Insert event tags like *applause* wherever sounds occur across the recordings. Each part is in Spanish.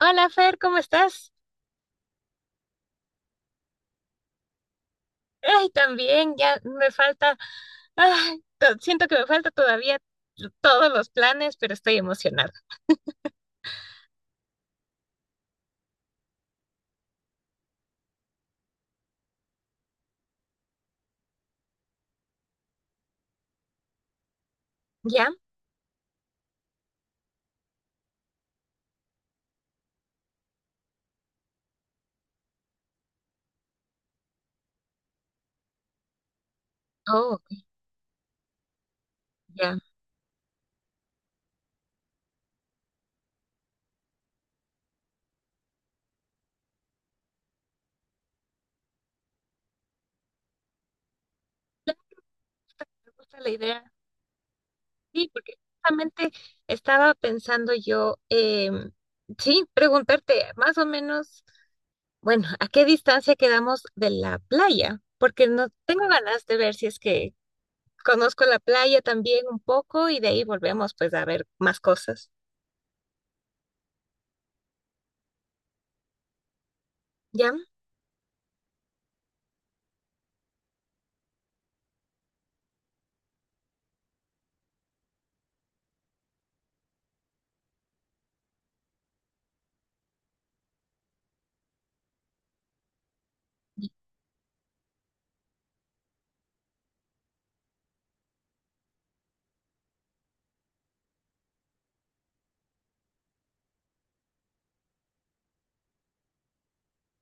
Hola Fer, ¿cómo estás? Ay, también, ya me falta, ay, siento que me falta todavía todos los planes, pero estoy emocionada. ¿Ya? Oh, ya, me gusta la idea. Sí, porque justamente estaba pensando yo, sí, preguntarte más o menos, bueno, ¿a qué distancia quedamos de la playa? Porque no tengo ganas de ver si es que conozco la playa también un poco y de ahí volvemos pues a ver más cosas. ¿Ya?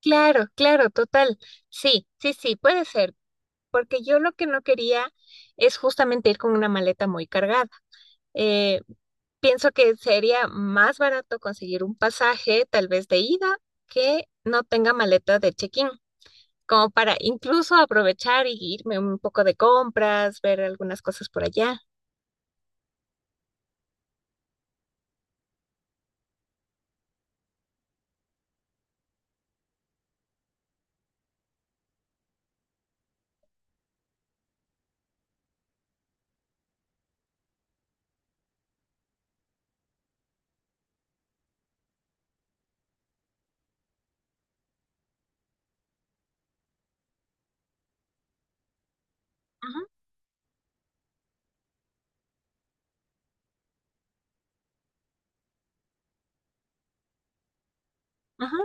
Claro, claro, total. Sí, sí, sí, puede ser, porque yo lo que no quería es justamente ir con una maleta muy cargada. Eh, Pienso que sería más barato conseguir un pasaje, tal vez de ida, que no tenga maleta de check-in, como para incluso aprovechar y irme un poco de compras, ver algunas cosas por allá. Ujú, ujú.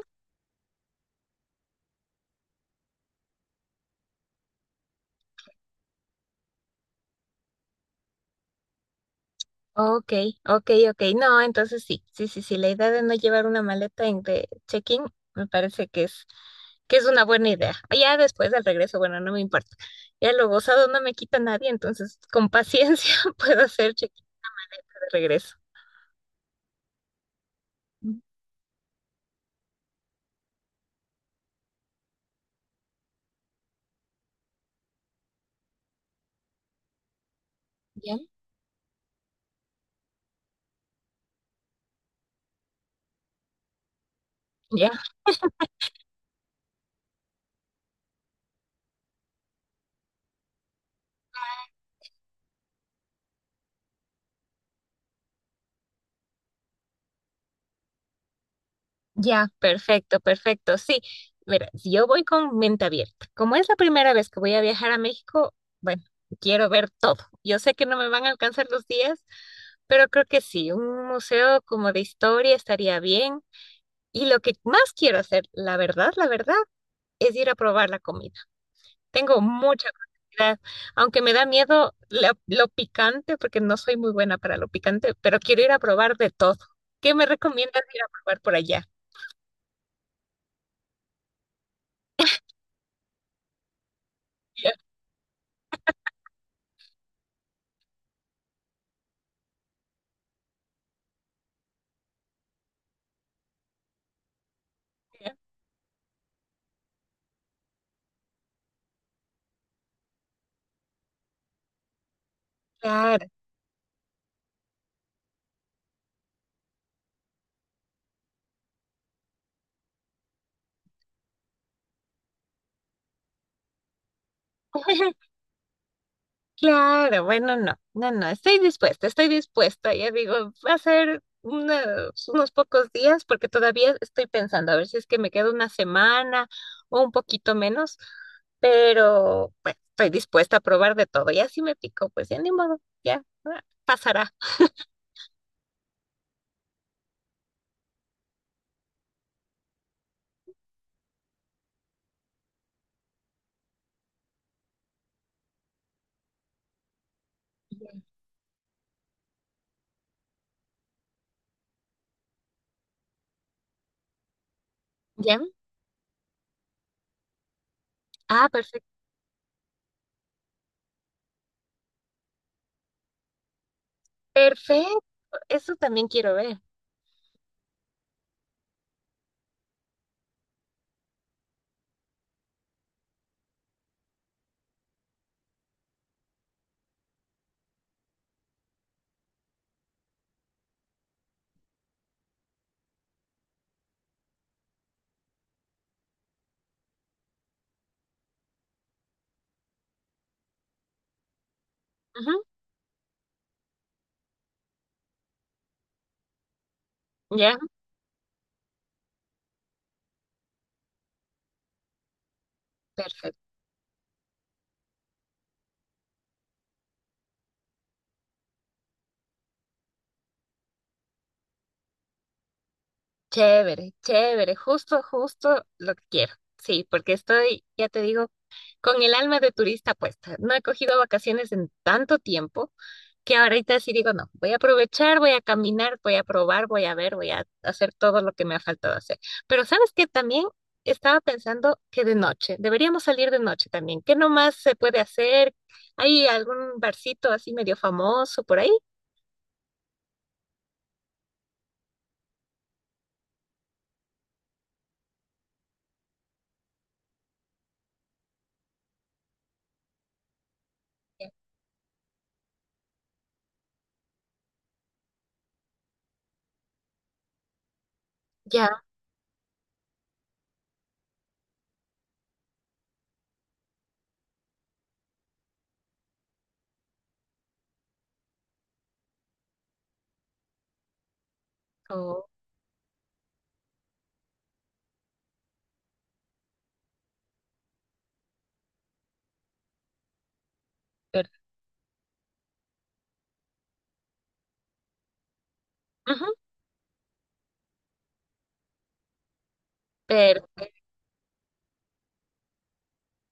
Ok, ok, ok. No, entonces sí, sí, sí, sí. La idea de no llevar una maleta en de check-in me parece que es una buena idea. Ah, ya después del regreso, bueno, no me importa. Ya lo gozado no me quita nadie, entonces con paciencia *laughs* puedo hacer check-in de regreso. Mm, ¿ya? Ya, perfecto, perfecto. Sí, mira, si yo voy con mente abierta. Como es la primera vez que voy a viajar a México, bueno, quiero ver todo. Yo sé que no me van a alcanzar los días, pero creo que sí, un museo como de historia estaría bien. Y lo que más quiero hacer, la verdad, es ir a probar la comida. Tengo mucha curiosidad, aunque me da miedo lo picante, porque no soy muy buena para lo picante, pero quiero ir a probar de todo. ¿Qué me recomiendas ir a probar por allá? *laughs* Ya, ya. Claro. *laughs* Claro, bueno, no, no, no, estoy dispuesta, estoy dispuesta. Ya digo, va a ser unos, unos pocos días porque todavía estoy pensando a ver si es que me quedo una semana o un poquito menos, pero bueno, estoy dispuesta a probar de todo. Ya si me pico, pues ya ni modo, pasará. ¿Ya? Ah, perfecto. Perfecto, eso también quiero ver. Ujú, ya, perfecto. Chévere, chévere, justo, justo lo que quiero. Sí, porque estoy, ya te digo con el alma de turista puesta. No he cogido vacaciones en tanto tiempo que ahorita sí digo, no, voy a aprovechar, voy a caminar, voy a probar, voy a ver, voy a hacer todo lo que me ha faltado hacer. Pero sabes que también estaba pensando que de noche, deberíamos salir de noche también. ¿Qué nomás se puede hacer? ¿Hay algún barcito así medio famoso por ahí? Ya. Oh, per- ujú, perfecto.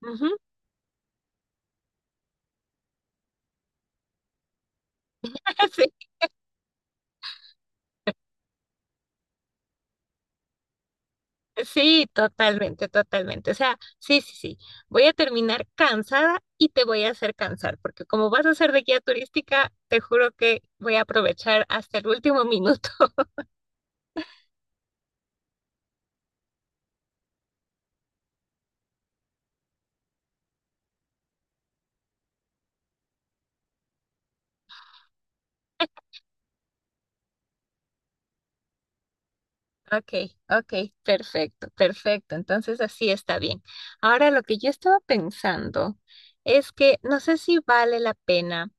Ujú, *laughs* sí. Sí, totalmente, totalmente. O sea, sí, sí, sí. Voy a terminar cansada y te voy a hacer cansar, porque como vas a ser de guía turística, te juro que voy a aprovechar hasta el último minuto. *laughs* Okay, okay, perfecto, perfecto. Entonces así está bien. Ahora lo que yo estaba pensando es que no sé si vale la pena.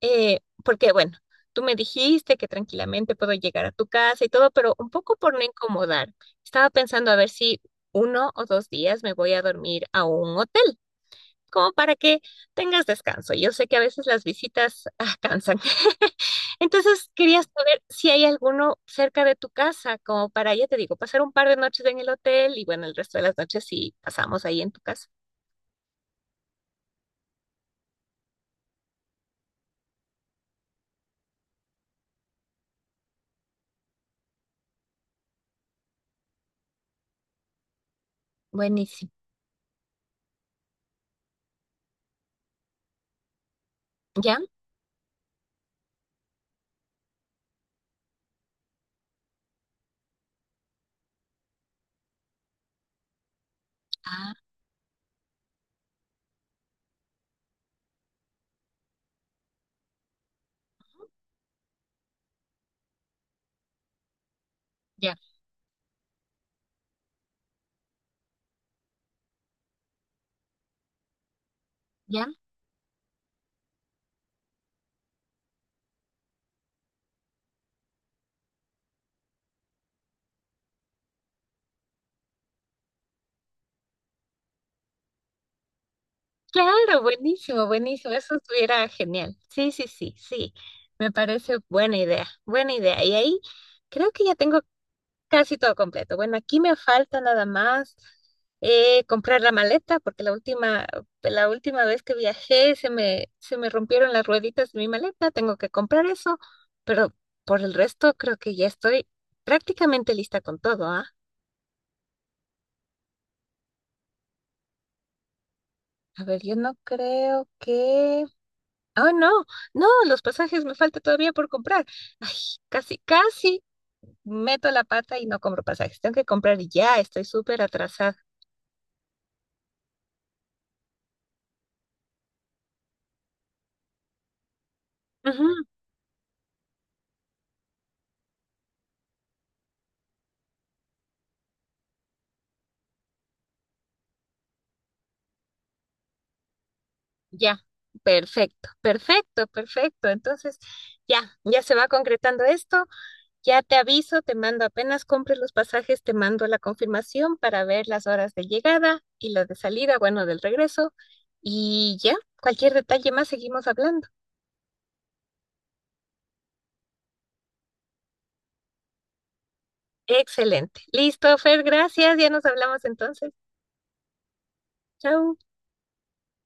Porque bueno, tú me dijiste que tranquilamente puedo llegar a tu casa y todo, pero un poco por no incomodar. Estaba pensando a ver si uno o dos días me voy a dormir a un hotel, como para que tengas descanso. Yo sé que a veces las visitas cansan. *laughs* Entonces quería saber si hay alguno cerca de tu casa, como para, ya te digo, pasar un par de noches en el hotel y bueno, el resto de las noches sí pasamos ahí en tu casa. Buenísimo. ¿Ya? Ah, ya, ya. Claro, buenísimo, buenísimo. Eso estuviera genial. Sí, sí, sí, sí. Me parece buena idea, buena idea. Y ahí creo que ya tengo casi todo completo. Bueno, aquí me falta nada más comprar la maleta, porque la última vez que viajé se me rompieron las rueditas de mi maleta. Tengo que comprar eso, pero por el resto creo que ya estoy prácticamente lista con todo, ¿ah? A ver, yo no creo que... Oh, no, no, los pasajes me falta todavía por comprar. Ay, casi, casi meto la pata y no compro pasajes. Tengo que comprar ya, estoy súper atrasada. Ujú, ya, perfecto, perfecto, perfecto. Entonces, ya, ya se va concretando esto. Ya te aviso, te mando apenas compres los pasajes, te mando la confirmación para ver las horas de llegada y las de salida, bueno, del regreso. Y ya, cualquier detalle más seguimos hablando. Excelente. Listo, Fer, gracias. Ya nos hablamos entonces. Chau.